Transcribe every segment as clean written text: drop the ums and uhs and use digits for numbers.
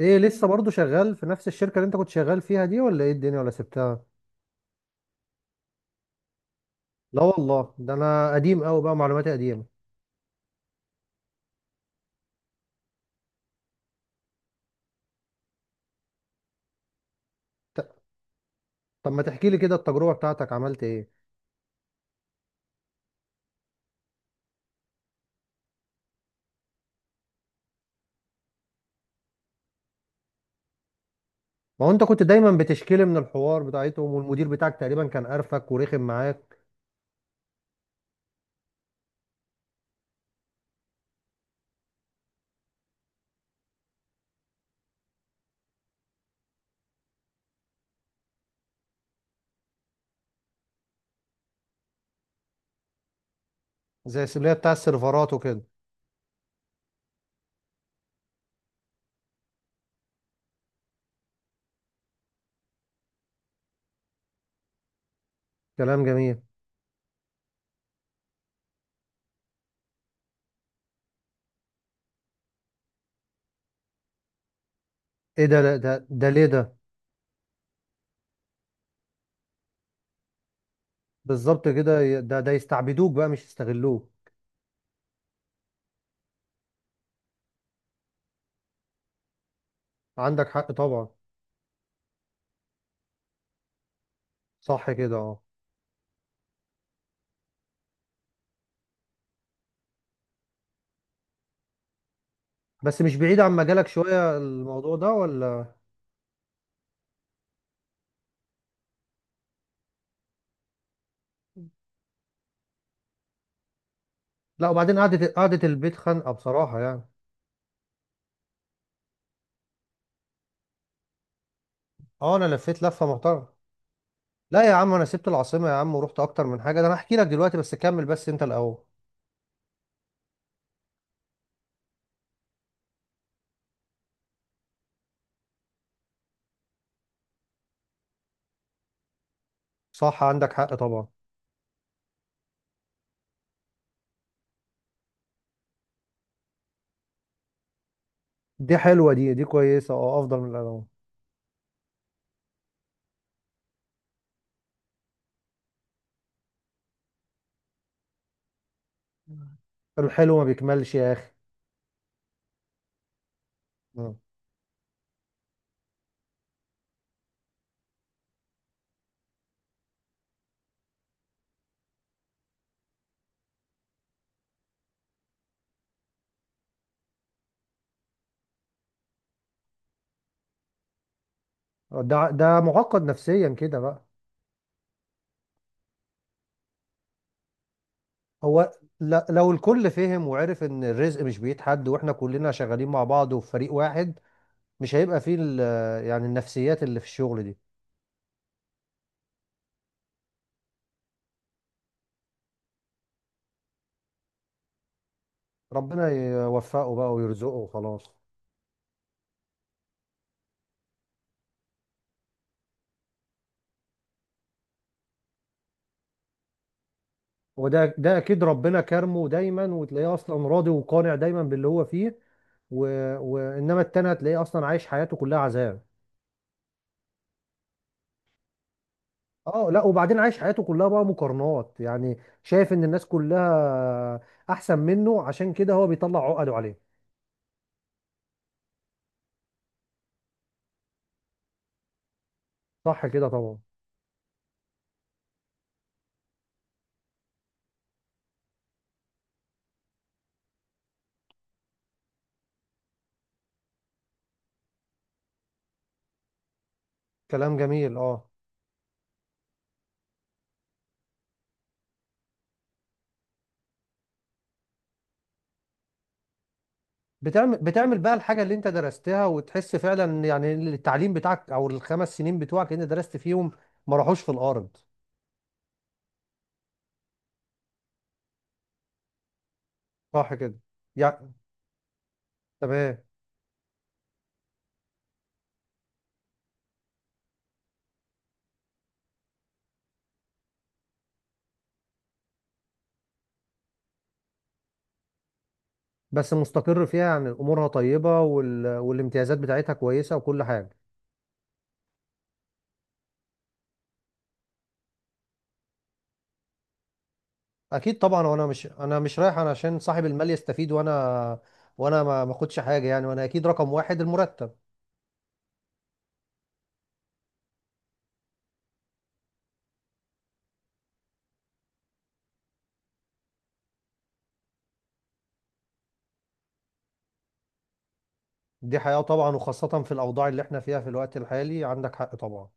ايه لسه برضو شغال في نفس الشركة اللي انت كنت شغال فيها دي، ولا ايه الدنيا، ولا سبتها؟ لا والله، ده انا قديم قوي بقى، معلوماتي قديمة. ت- طب ما تحكي لي كده التجربة بتاعتك عملت ايه؟ ما هو انت كنت دايما بتشكيلي من الحوار بتاعتهم، والمدير بتاعك تقريبا كان قرفك ورخم معاك. زي السبلية بتاع السيرفرات وكده. كلام جميل. ايه ده؟ لا، ده ليه ده؟ بالظبط كده. ده يستعبدوك بقى، مش يستغلوك. عندك حق طبعا. صح كده، اه. بس مش بعيد عن مجالك شوية الموضوع ده، ولا؟ لا، وبعدين قعدة البيت خانقة بصراحة يعني. اه انا لفيت لفه محترمه. لا يا عم، انا سبت العاصمه يا عم، ورحت اكتر من حاجه، ده انا هحكي لك دلوقتي، بس كمل بس انت الاول. صح، عندك حق طبعا. دي حلوه دي كويسه، اه، افضل من الاول. الحلو ما بيكملش يا اخي. مم. ده معقد نفسيا كده بقى. هو لو الكل فهم وعرف ان الرزق مش بيد حد، واحنا كلنا شغالين مع بعض وفي فريق واحد، مش هيبقى فيه يعني النفسيات اللي في الشغل دي. ربنا يوفقه بقى ويرزقه وخلاص. وده اكيد ربنا كرمه دايما، وتلاقيه اصلا راضي وقانع دايما باللي هو فيه. و... وانما التاني هتلاقيه اصلا عايش حياته كلها عذاب. اه، لا وبعدين عايش حياته كلها بقى مقارنات يعني، شايف ان الناس كلها احسن منه، عشان كده هو بيطلع عقده عليه. صح كده طبعا. كلام جميل، اه. بتعمل بقى الحاجة اللي انت درستها، وتحس فعلا يعني إن التعليم بتاعك او الخمس سنين بتوعك اللي انت درست فيهم ما راحوش في الارض. صح كده يعني، تمام. بس مستقر فيها يعني، امورها طيبه والامتيازات بتاعتها كويسه وكل حاجه. اكيد طبعا، وانا مش انا مش رايح انا عشان صاحب المال يستفيد، وانا وانا ما اخدش حاجه يعني، وانا اكيد رقم واحد المرتب. دي حياه طبعا، وخاصه في الاوضاع اللي احنا فيها في الوقت الحالي، عندك حق طبعا.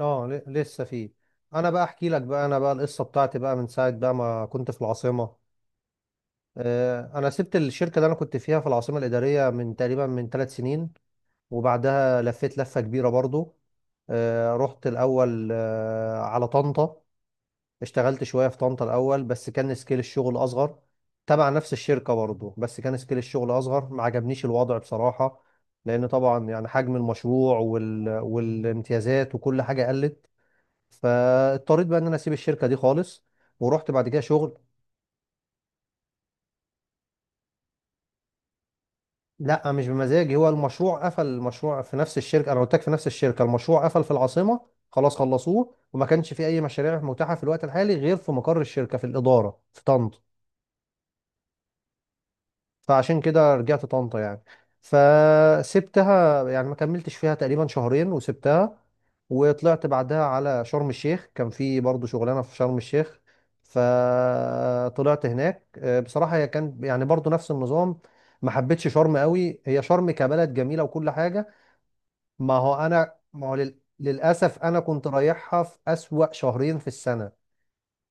اه، لسه فيه. انا بقى احكي لك بقى، انا بقى القصه بتاعتي بقى من ساعه بقى ما كنت في العاصمه. انا سبت الشركه اللي انا كنت فيها في العاصمه الاداريه من تقريبا من 3 سنين، وبعدها لفيت لفه كبيره برضو. رحت الأول على طنطا، اشتغلت شوية في طنطا الأول، بس كان سكيل الشغل أصغر، تبع نفس الشركة برضه. بس كان سكيل الشغل أصغر، ما عجبنيش الوضع بصراحة، لأن طبعا يعني حجم المشروع والامتيازات وكل حاجة قلت. فاضطريت بقى إن أنا أسيب الشركة دي خالص، ورحت بعد كده شغل. لا مش بمزاجي، هو المشروع قفل، المشروع في نفس الشركه، انا قلت لك في نفس الشركه المشروع قفل في العاصمه. خلاص خلصوه، وما كانش في اي مشاريع متاحه في الوقت الحالي غير في مقر الشركه في الاداره في طنطا. فعشان كده رجعت طنطا يعني، فسبتها يعني، ما كملتش فيها تقريبا شهرين وسبتها. وطلعت بعدها على شرم الشيخ، كان في برضه شغلانه في شرم الشيخ. فطلعت هناك، بصراحه هي كان يعني برضه نفس النظام. ما حبيتش شرم قوي، هي شرم كبلد جميله وكل حاجه. ما هو انا، ما هو للاسف انا كنت رايحها في اسوأ شهرين في السنه.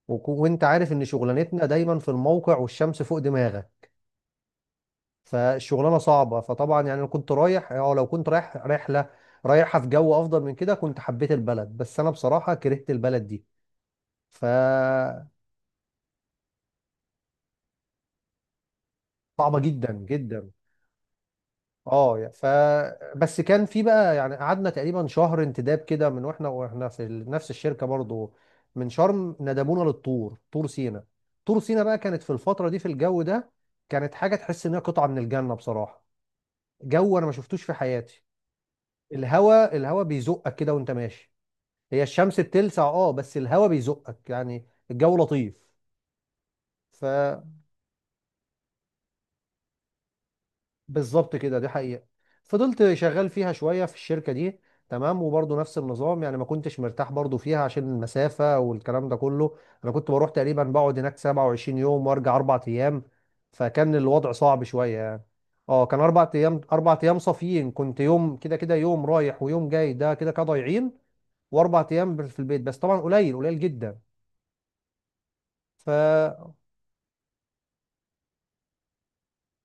وانت عارف ان شغلانتنا دايما في الموقع والشمس فوق دماغك، فالشغلانه صعبه. فطبعا يعني انا كنت رايح، او لو كنت رايح رحله رايحها في جو افضل من كده كنت حبيت البلد، بس انا بصراحه كرهت البلد دي، فصعبه. جدا جدا، اه. بس كان في بقى يعني، قعدنا تقريبا شهر انتداب كده، من واحنا في نفس الشركه برضو، من شرم ندبونا للطور، طور سينا. طور سينا بقى كانت في الفتره دي في الجو ده كانت حاجه، تحس ان هي قطعه من الجنه بصراحه. جو انا ما شفتوش في حياتي. الهوا بيزقك كده وانت ماشي، هي الشمس بتلسع اه، بس الهوا بيزقك يعني، الجو لطيف. بالظبط كده، دي حقيقة. فضلت شغال فيها شوية في الشركة دي، تمام. وبرضه نفس النظام يعني، ما كنتش مرتاح برضه فيها عشان المسافة والكلام ده كله. انا كنت بروح تقريبا، بقعد هناك 27 يوم وارجع 4 ايام، فكان الوضع صعب شوية يعني. اه كان اربع ايام صافيين، كنت يوم كده كده يوم رايح ويوم جاي ده كده كده ضايعين، واربع ايام في البيت بس، طبعا قليل قليل جدا. ف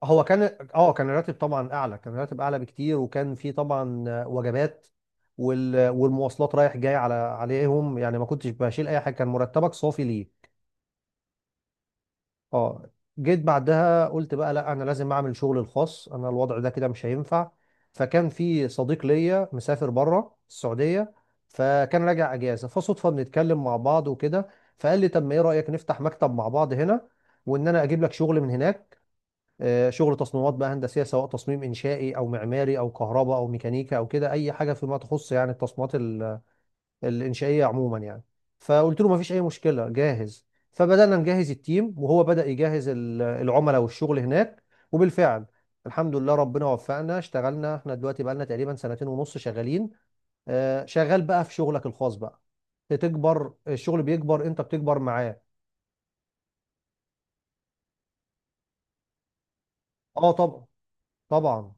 هو كان اه، كان الراتب طبعا اعلى، كان الراتب اعلى بكتير، وكان في طبعا وجبات والمواصلات رايح جاي على عليهم يعني، ما كنتش بشيل اي حاجه، كان مرتبك صافي ليه. اه، جيت بعدها قلت بقى لا، انا لازم اعمل شغل الخاص، انا الوضع ده كده مش هينفع. فكان في صديق ليا مسافر بره السعوديه، فكان راجع اجازه، فصدفه بنتكلم مع بعض وكده، فقال لي طب ما ايه رايك نفتح مكتب مع بعض هنا، وان انا اجيب لك شغل من هناك. شغل تصميمات بقى هندسيه، سواء تصميم انشائي او معماري او كهرباء او ميكانيكا او كده، اي حاجه فيما تخص يعني التصميمات الانشائيه عموما يعني. فقلت له ما فيش اي مشكله، جاهز. فبدانا نجهز التيم، وهو بدا يجهز العملاء والشغل هناك. وبالفعل الحمد لله ربنا وفقنا، اشتغلنا احنا دلوقتي بقالنا تقريبا سنتين ونص شغالين. شغال بقى في شغلك الخاص بقى، بتكبر الشغل بيكبر، انت بتكبر معاه. اه طبعا، طبعا.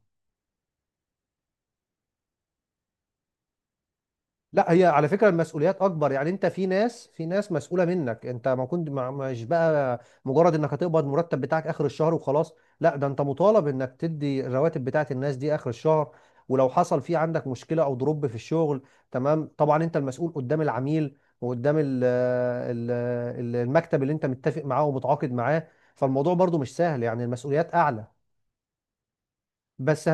لا هي على فكرة المسؤوليات أكبر يعني، أنت في ناس، في ناس مسؤولة منك، أنت ما كنت مش بقى مجرد إنك هتقبض مرتب بتاعك آخر الشهر وخلاص. لا، ده أنت مطالب إنك تدي الرواتب بتاعت الناس دي آخر الشهر، ولو حصل في عندك مشكلة أو ضرب في الشغل، تمام طبعا أنت المسؤول قدام العميل، وقدام المكتب اللي أنت متفق معاه ومتعاقد معاه. فالموضوع برضو مش سهل يعني، المسؤوليات أعلى. بس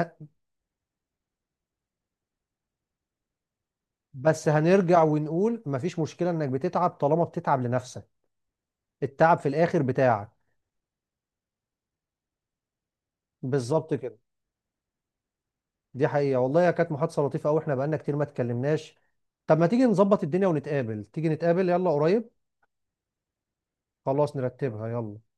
بس هنرجع ونقول مفيش مشكلة إنك بتتعب طالما بتتعب لنفسك، التعب في الآخر بتاعك. بالظبط كده، دي حقيقة والله. هي كانت محادثة لطيفة قوي، احنا بقالنا كتير ما اتكلمناش. طب ما تيجي نظبط الدنيا ونتقابل، تيجي نتقابل يلا قريب. خلاص نرتبها يلا.